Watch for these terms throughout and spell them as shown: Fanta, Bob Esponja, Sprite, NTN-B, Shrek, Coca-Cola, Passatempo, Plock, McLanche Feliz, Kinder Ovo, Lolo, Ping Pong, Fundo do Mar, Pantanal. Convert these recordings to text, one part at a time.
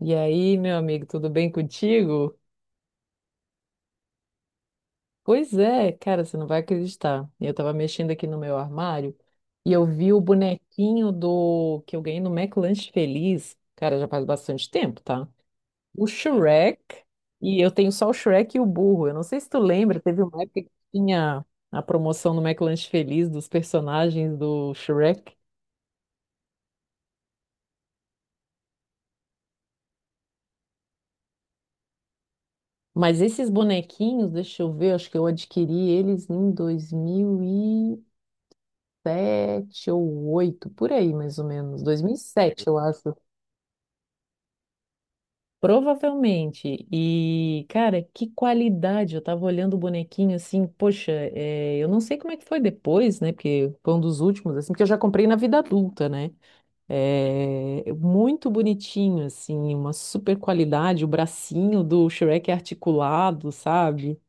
E aí, meu amigo, tudo bem contigo? Pois é, cara, você não vai acreditar. Eu tava mexendo aqui no meu armário e eu vi o bonequinho do que eu ganhei no McLanche Feliz. Cara, já faz bastante tempo, tá? O Shrek. E eu tenho só o Shrek e o burro. Eu não sei se tu lembra, teve uma época que tinha a promoção no McLanche Feliz dos personagens do Shrek. Mas esses bonequinhos, deixa eu ver, acho que eu adquiri eles em 2000 e sete ou oito, por aí mais ou menos, 2007, eu acho. Provavelmente. E, cara, que qualidade! Eu tava olhando o bonequinho assim, poxa, é, eu não sei como é que foi depois, né? Porque foi um dos últimos, assim, porque eu já comprei na vida adulta, né? É, muito bonitinho, assim, uma super qualidade. O bracinho do Shrek é articulado, sabe?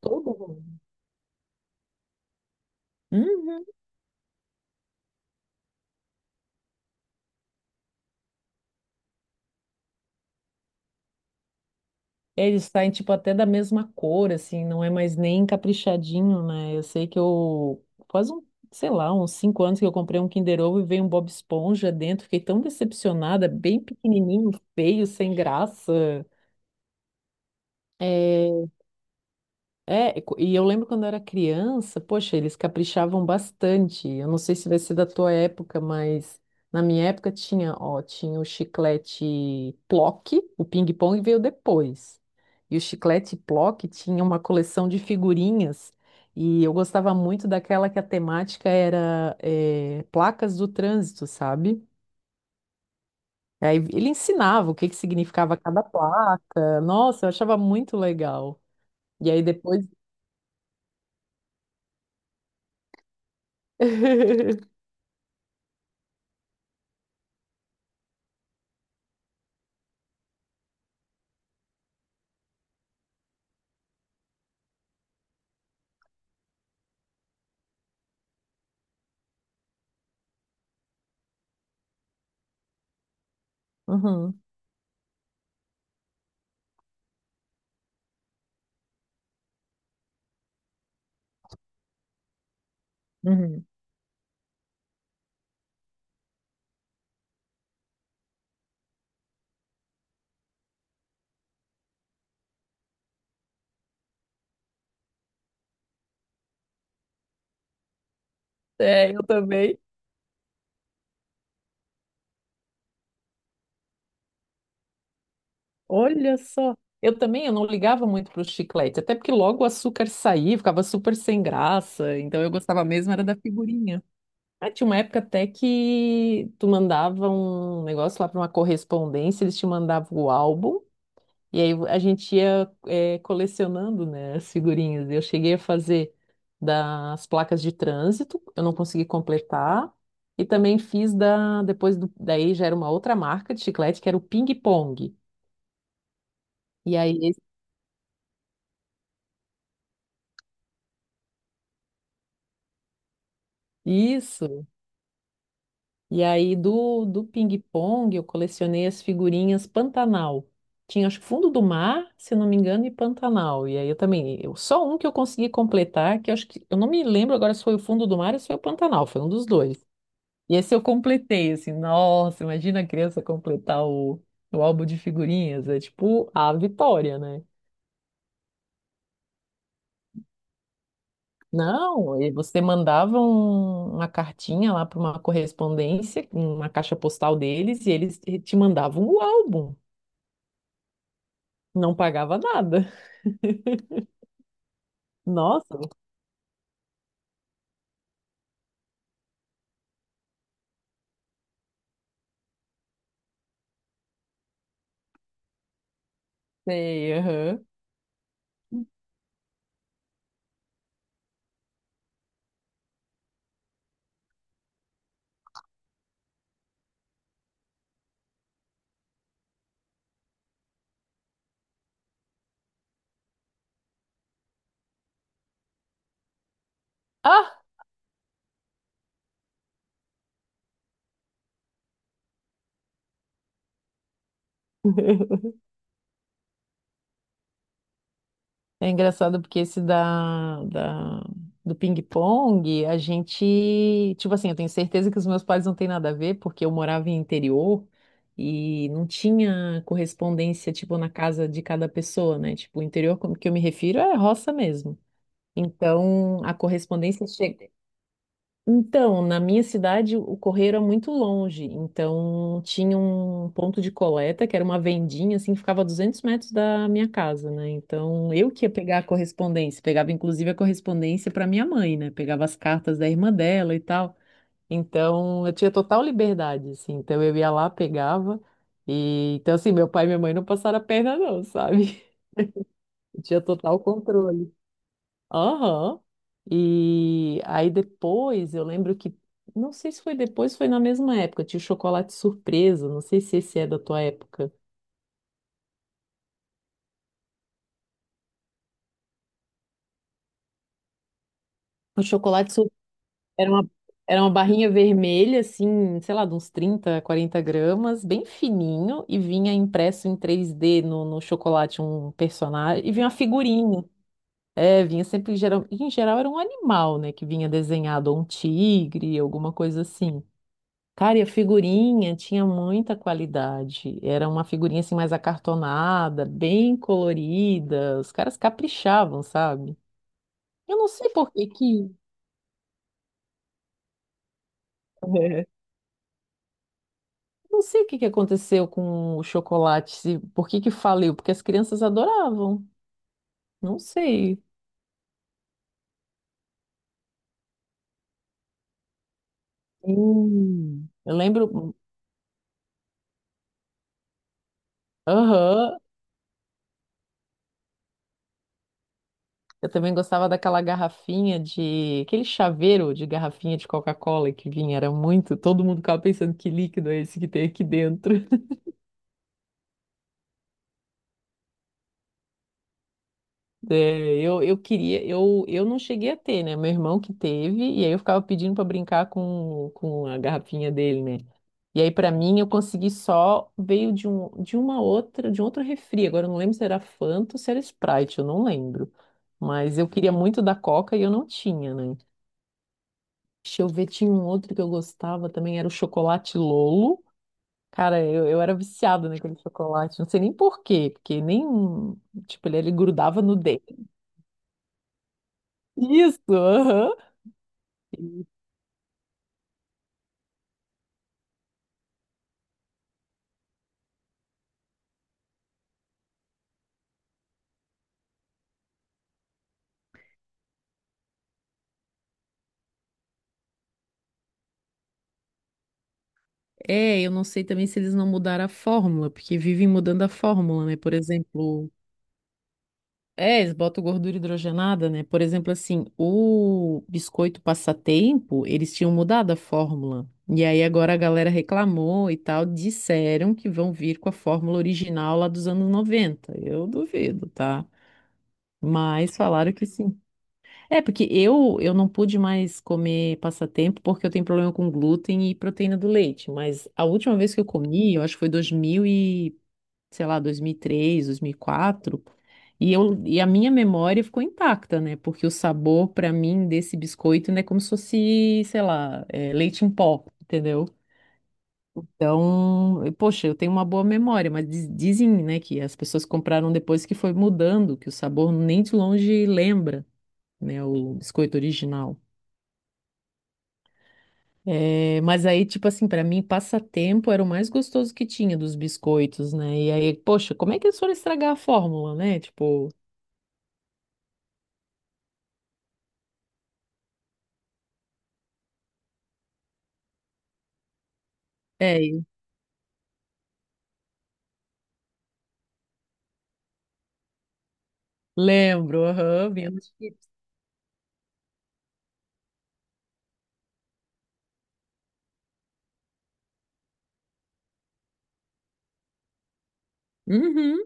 Todo. Eles saem, tipo, até da mesma cor, assim, não é mais nem caprichadinho, né? Eu sei que eu, faz um, sei lá, uns 5 anos que eu comprei um Kinder Ovo e veio um Bob Esponja dentro, fiquei tão decepcionada, bem pequenininho, feio, sem graça. É, é, e e eu lembro quando eu era criança, poxa, eles caprichavam bastante. Eu não sei se vai ser da tua época, mas na minha época tinha, ó, tinha o chiclete Plock, o ping-pong veio depois. E o chiclete Plock tinha uma coleção de figurinhas e eu gostava muito daquela que a temática era placas do trânsito, sabe? Aí ele ensinava o que que significava cada placa. Nossa, eu achava muito legal. E aí depois. Uhum. Uhum. É, eu também. Olha só. Eu também, eu não ligava muito para o chiclete, até porque logo o açúcar saía, ficava super sem graça, então eu gostava mesmo era da figurinha. Ah, tinha uma época até que tu mandava um negócio lá para uma correspondência, eles te mandavam o álbum. E aí a gente ia colecionando, né, as figurinhas. Eu cheguei a fazer das placas de trânsito, eu não consegui completar. E também fiz da, depois do, daí já era uma outra marca de chiclete, que era o Ping Pong. E aí, isso. E aí do, Ping Pong eu colecionei as figurinhas Pantanal. Tinha, acho que Fundo do Mar, se não me engano, e Pantanal. E aí eu também, só um que eu consegui completar, que eu acho que, eu não me lembro agora se foi o Fundo do Mar ou se foi o Pantanal, foi um dos dois. E esse eu completei, assim, nossa, imagina a criança completar o, álbum de figurinhas, é tipo a vitória, né? Não, e você mandava uma cartinha lá para uma correspondência, uma caixa postal deles, e eles te mandavam o álbum, não pagava nada. Nossa, sei, aham. Ah! É engraçado porque esse da, do ping-pong, a gente, tipo assim, eu tenho certeza que os meus pais não têm nada a ver, porque eu morava em interior e não tinha correspondência, tipo, na casa de cada pessoa, né? Tipo, o interior, como que eu me refiro, é roça mesmo. Então, a correspondência chega. Então, na minha cidade, o correio era muito longe, então tinha um ponto de coleta, que era uma vendinha, assim, que ficava a 200 metros da minha casa, né? Então, eu que ia pegar a correspondência, pegava inclusive a correspondência para minha mãe, né? Pegava as cartas da irmã dela e tal. Então, eu tinha total liberdade, assim, então eu ia lá, pegava, e então, assim, meu pai e minha mãe não passaram a perna, não, sabe? Eu tinha total controle. Aham. E aí depois, eu lembro que, não sei se foi depois, foi na mesma época, tinha o chocolate surpresa, não sei se esse é da tua época. O chocolate surpresa era uma, era uma, barrinha vermelha, assim, sei lá, de uns 30, 40 gramas, bem fininho, e vinha impresso em 3D no, chocolate um personagem, e vinha uma figurinha. É, vinha sempre, em geral era um animal, né, que vinha desenhado, ou um tigre, alguma coisa assim. Cara, e a figurinha tinha muita qualidade. Era uma figurinha assim mais acartonada, bem colorida. Os caras caprichavam, sabe? Eu não sei por que que, é, não sei o que que aconteceu com o chocolate, por que que faliu, porque as crianças adoravam. Não sei. Hum. Eu lembro, aham, eu também gostava daquela garrafinha de, aquele chaveiro de garrafinha de Coca-Cola que vinha, era muito, todo mundo ficava pensando que líquido é esse que tem aqui dentro. É, eu, queria, eu não cheguei a ter, né? Meu irmão que teve, e aí eu ficava pedindo para brincar com a garrafinha dele, né? E aí para mim eu consegui só, veio de um, de uma outra, de um outro refri. Agora eu não lembro se era Fanta ou se era Sprite, eu não lembro. Mas eu queria muito da Coca e eu não tinha, né? Deixa eu ver, tinha um outro que eu gostava também, era o chocolate Lolo. Cara, eu, era viciada naquele chocolate, não sei nem por quê, porque nem, tipo, ele grudava no dente. Isso, aham. É, eu não sei também se eles não mudaram a fórmula, porque vivem mudando a fórmula, né? Por exemplo, eles botam gordura hidrogenada, né? Por exemplo, assim, o biscoito passatempo, eles tinham mudado a fórmula. E aí agora a galera reclamou e tal, disseram que vão vir com a fórmula original lá dos anos 90. Eu duvido, tá? Mas falaram que sim. É, porque eu não pude mais comer passatempo porque eu tenho problema com glúten e proteína do leite. Mas a última vez que eu comi, eu acho que foi 2000 e, sei lá, 2003, 2004. E, três, dois mil e quatro. E a minha memória ficou intacta, né? Porque o sabor, pra mim, desse biscoito, né, é como se fosse, sei lá, leite em pó, entendeu? Então, poxa, eu tenho uma boa memória, mas dizem, né, que as pessoas compraram depois que foi mudando, que o sabor nem de longe lembra, né, o biscoito original. É, mas aí, tipo assim, pra mim, passatempo era o mais gostoso que tinha dos biscoitos, né? E aí, poxa, como é que eles foram estragar a fórmula, né? Tipo, e lembro, aham, vinha nos chips. Uhum,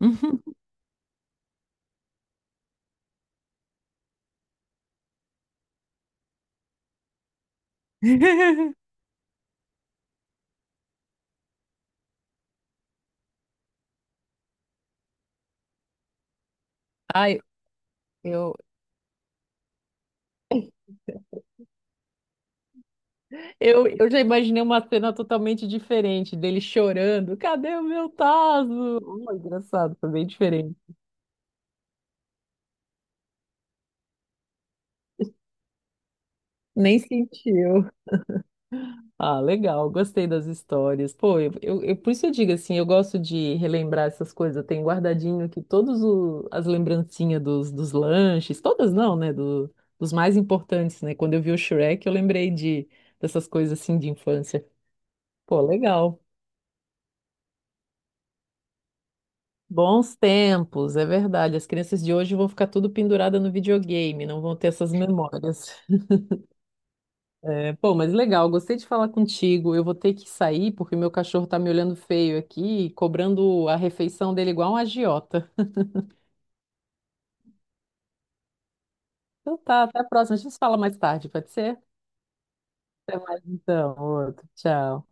uhum. Ai, eu, já imaginei uma cena totalmente diferente dele chorando. Cadê o meu tazo? Oh, engraçado, foi bem diferente. Nem sentiu. Ah, legal, gostei das histórias. Pô, por isso eu digo assim, eu gosto de relembrar essas coisas. Eu tenho guardadinho aqui todas as lembrancinhas dos lanches, todas não, né? Dos mais importantes, né? Quando eu vi o Shrek, eu lembrei de dessas coisas assim de infância. Pô, legal. Bons tempos, é verdade. As crianças de hoje vão ficar tudo pendurada no videogame, não vão ter essas memórias. É, pô, mas legal, gostei de falar contigo. Eu vou ter que sair porque meu cachorro tá me olhando feio aqui, cobrando a refeição dele igual um agiota. Então tá, até a próxima. A gente se fala mais tarde, pode ser? Até mais então, outro. Tchau.